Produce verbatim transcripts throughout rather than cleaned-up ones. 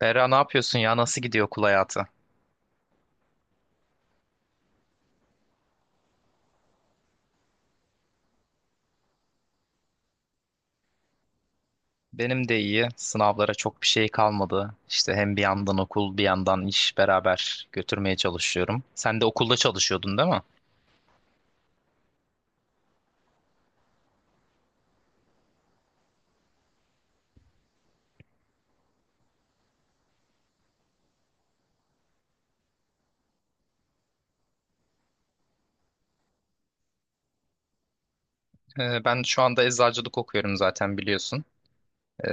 Berra ne yapıyorsun ya? Nasıl gidiyor okul hayatı? Benim de iyi. Sınavlara çok bir şey kalmadı. İşte hem bir yandan okul, bir yandan iş beraber götürmeye çalışıyorum. Sen de okulda çalışıyordun değil mi? Ee, ben şu anda eczacılık okuyorum zaten biliyorsun. Ee,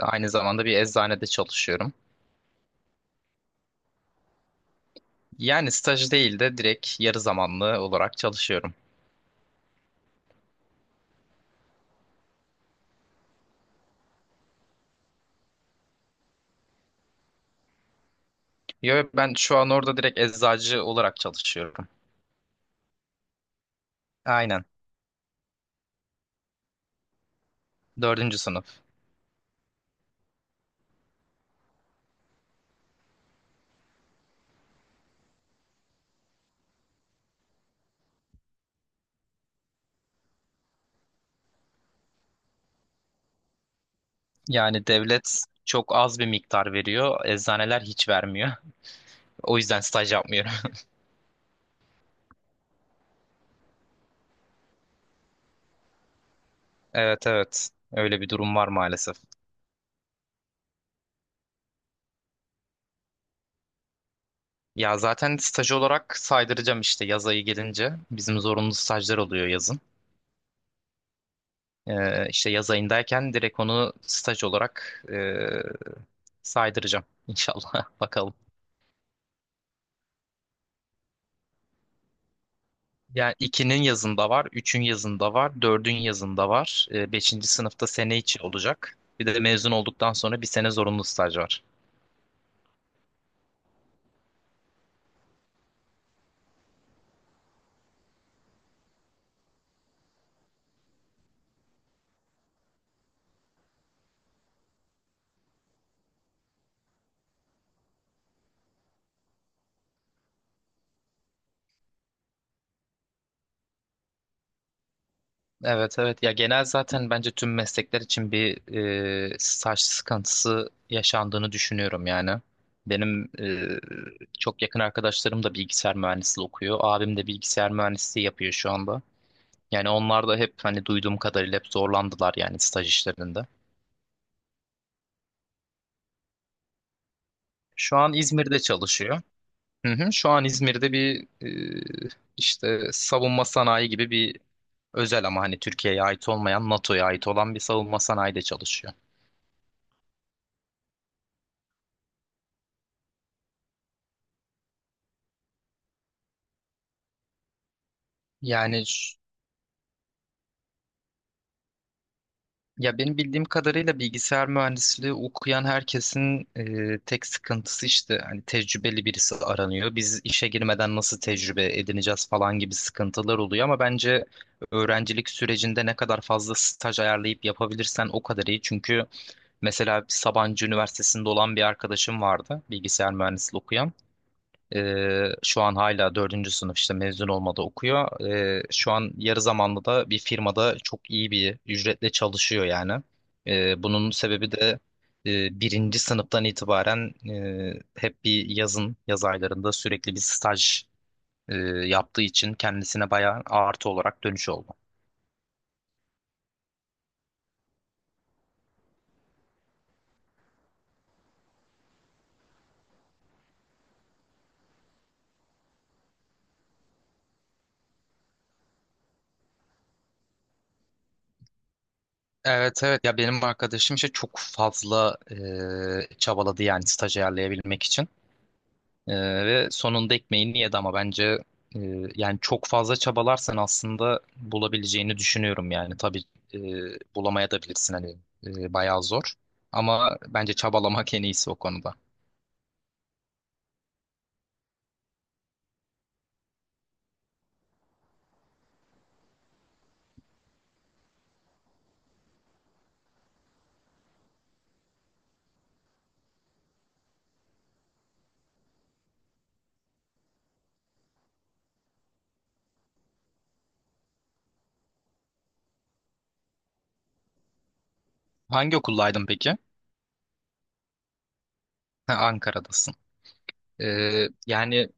Aynı zamanda bir eczanede çalışıyorum. Yani staj değil de direkt yarı zamanlı olarak çalışıyorum. Yo, ben şu an orada direkt eczacı olarak çalışıyorum. Aynen. Dördüncü sınıf. Yani devlet çok az bir miktar veriyor. Eczaneler hiç vermiyor. O yüzden staj yapmıyorum. Evet evet. Öyle bir durum var maalesef. Ya zaten staj olarak saydıracağım işte yaz ayı gelince. Bizim zorunlu stajlar oluyor yazın. Ee, işte yaz ayındayken direkt onu staj olarak ee, saydıracağım inşallah. Bakalım. Yani ikinin yazında var, üçün yazında var, dördün yazında var. Ee, beşinci sınıfta sene içi olacak. Bir de mezun olduktan sonra bir sene zorunlu staj var. Evet evet, ya genel zaten bence tüm meslekler için bir e, staj sıkıntısı yaşandığını düşünüyorum yani. Benim e, çok yakın arkadaşlarım da bilgisayar mühendisliği okuyor. Abim de bilgisayar mühendisliği yapıyor şu anda. Yani onlar da hep hani duyduğum kadarıyla hep zorlandılar yani staj işlerinde. Şu an İzmir'de çalışıyor. Hı hı, şu an İzmir'de bir e, işte savunma sanayi gibi bir özel ama hani Türkiye'ye ait olmayan NATO'ya ait olan bir savunma sanayide çalışıyor. Yani ya benim bildiğim kadarıyla bilgisayar mühendisliği okuyan herkesin e, tek sıkıntısı işte hani tecrübeli birisi aranıyor. Biz işe girmeden nasıl tecrübe edineceğiz falan gibi sıkıntılar oluyor ama bence öğrencilik sürecinde ne kadar fazla staj ayarlayıp yapabilirsen o kadar iyi. Çünkü mesela Sabancı Üniversitesi'nde olan bir arkadaşım vardı bilgisayar mühendisliği okuyan. Ee, şu an hala dördüncü sınıf işte mezun olmadı okuyor. Ee, şu an yarı zamanlı da bir firmada çok iyi bir ücretle çalışıyor yani. Ee, bunun sebebi de e, birinci sınıftan itibaren e, hep bir yazın, yaz aylarında sürekli bir staj e, yaptığı için kendisine bayağı artı olarak dönüş oldu. Evet evet, ya benim arkadaşım işte çok fazla e, çabaladı yani staj ayarlayabilmek için. Ee, ve sonunda ekmeğini yedi ama bence e, yani çok fazla çabalarsan aslında bulabileceğini düşünüyorum yani. Tabii e, bulamaya da bilirsin hani e, bayağı zor. Ama bence çabalamak en iyisi o konuda. Hangi okuldaydın peki? Ha, Ankara'dasın. Ee, yani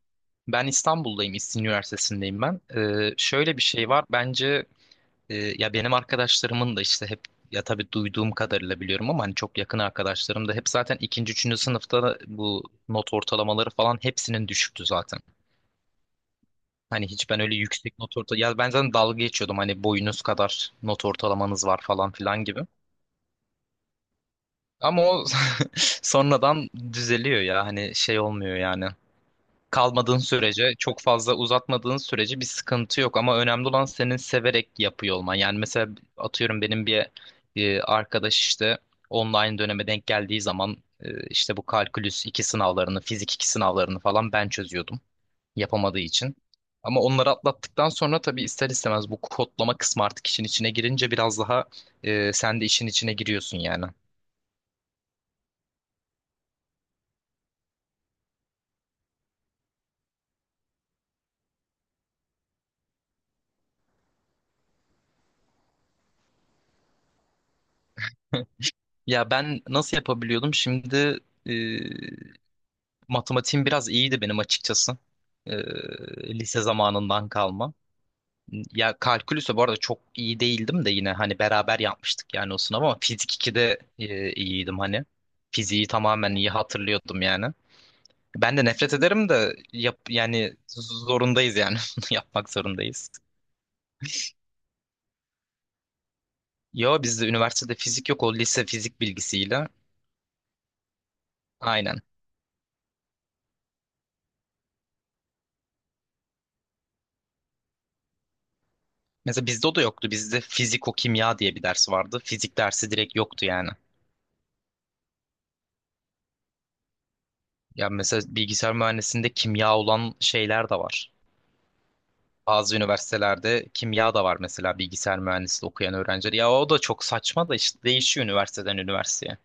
ben İstanbul'dayım, İstinye Üniversitesi'ndeyim ben. Ee, şöyle bir şey var bence. Ee, ya benim arkadaşlarımın da işte hep ya tabii duyduğum kadarıyla biliyorum ama hani çok yakın arkadaşlarım da hep zaten ikinci, üçüncü sınıfta da bu not ortalamaları falan hepsinin düşüktü zaten. Hani hiç ben öyle yüksek not orta, ya ben zaten dalga geçiyordum hani boyunuz kadar not ortalamanız var falan filan gibi. Ama o sonradan düzeliyor ya, hani şey olmuyor yani. Kalmadığın sürece, çok fazla uzatmadığın sürece bir sıkıntı yok. Ama önemli olan senin severek yapıyor olman. Yani mesela atıyorum benim bir e, arkadaş işte online döneme denk geldiği zaman e, işte bu kalkülüs iki sınavlarını, fizik iki sınavlarını falan ben çözüyordum yapamadığı için. Ama onları atlattıktan sonra tabii ister istemez bu kodlama kısmı artık işin içine girince biraz daha e, sen de işin içine giriyorsun yani. Ya ben nasıl yapabiliyordum? Şimdi e, matematiğim biraz iyiydi benim açıkçası. Ee, Lise zamanından kalma. Ya kalkülüse bu arada çok iyi değildim de yine hani beraber yapmıştık yani o sınavı ama fizik ikide e, iyiydim hani. Fiziği tamamen iyi hatırlıyordum yani. Ben de nefret ederim de yap, yani zorundayız yani bunu yapmak zorundayız. Yo bizde üniversitede fizik yok, o lise fizik bilgisiyle. Aynen. Mesela bizde o da yoktu. Bizde fiziko kimya diye bir ders vardı. Fizik dersi direkt yoktu yani. Ya mesela bilgisayar mühendisliğinde kimya olan şeyler de var. Bazı üniversitelerde kimya da var mesela bilgisayar mühendisliği okuyan öğrenciler. Ya o da çok saçma da işte değişiyor üniversiteden üniversiteye.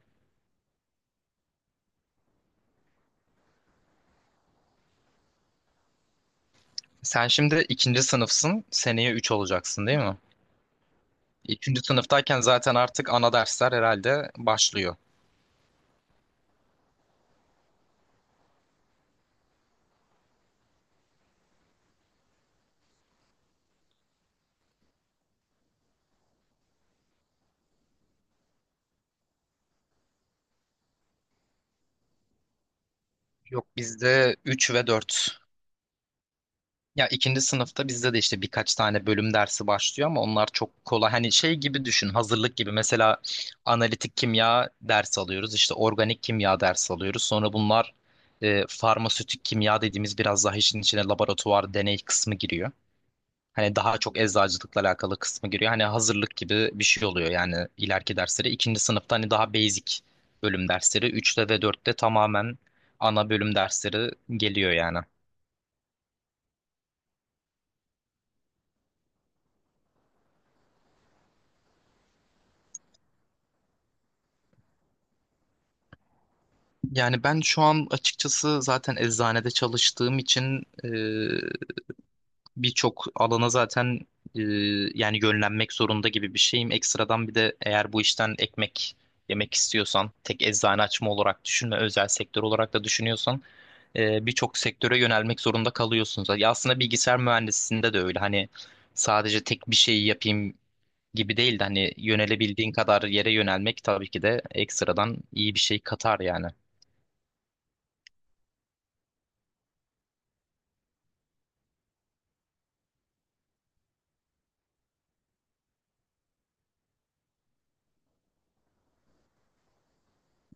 Sen şimdi ikinci sınıfsın, seneye üç olacaksın değil mi? Üçüncü sınıftayken zaten artık ana dersler herhalde başlıyor. Yok, bizde üç ve dört. Ya ikinci sınıfta bizde de işte birkaç tane bölüm dersi başlıyor ama onlar çok kolay. Hani şey gibi düşün, hazırlık gibi. Mesela analitik kimya dersi alıyoruz, işte organik kimya dersi alıyoruz. Sonra bunlar e, farmasötik kimya dediğimiz biraz daha işin içine laboratuvar deney kısmı giriyor. Hani daha çok eczacılıkla alakalı kısmı giriyor. Hani hazırlık gibi bir şey oluyor yani ileriki dersleri. İkinci sınıfta hani daha basic bölüm dersleri. Üçte ve dörtte tamamen ana bölüm dersleri geliyor yani. Yani ben şu an açıkçası zaten eczanede çalıştığım için e, birçok alana zaten e, yani yönlenmek zorunda gibi bir şeyim. Ekstradan bir de eğer bu işten ekmek yemek istiyorsan, tek eczane açma olarak düşünme, özel sektör olarak da düşünüyorsan e, birçok sektöre yönelmek zorunda kalıyorsunuz. Ya aslında bilgisayar mühendisliğinde de öyle. Hani sadece tek bir şeyi yapayım gibi değil de hani yönelebildiğin kadar yere yönelmek tabii ki de ekstradan iyi bir şey katar yani.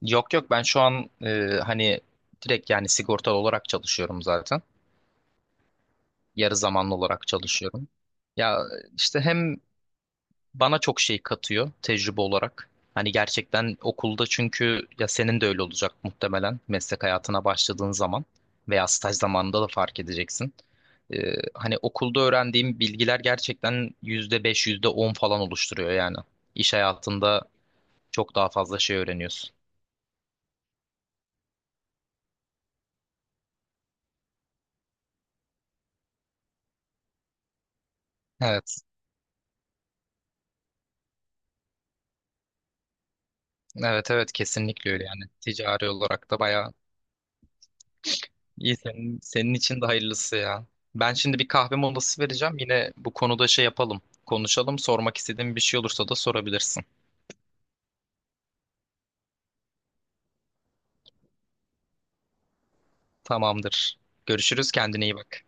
Yok yok, ben şu an e, hani direkt yani sigortalı olarak çalışıyorum zaten. Yarı zamanlı olarak çalışıyorum. Ya işte hem bana çok şey katıyor tecrübe olarak. Hani gerçekten okulda, çünkü ya senin de öyle olacak muhtemelen meslek hayatına başladığın zaman veya staj zamanında da fark edeceksin. Ee, hani okulda öğrendiğim bilgiler gerçekten yüzde beş yüzde on falan oluşturuyor yani. İş hayatında çok daha fazla şey öğreniyorsun. Evet. Evet evet, kesinlikle öyle yani. Ticari olarak da bayağı İyi senin, senin için de hayırlısı ya. Ben şimdi bir kahve molası vereceğim. Yine bu konuda şey yapalım. Konuşalım. Sormak istediğin bir şey olursa da sorabilirsin. Tamamdır. Görüşürüz. Kendine iyi bak.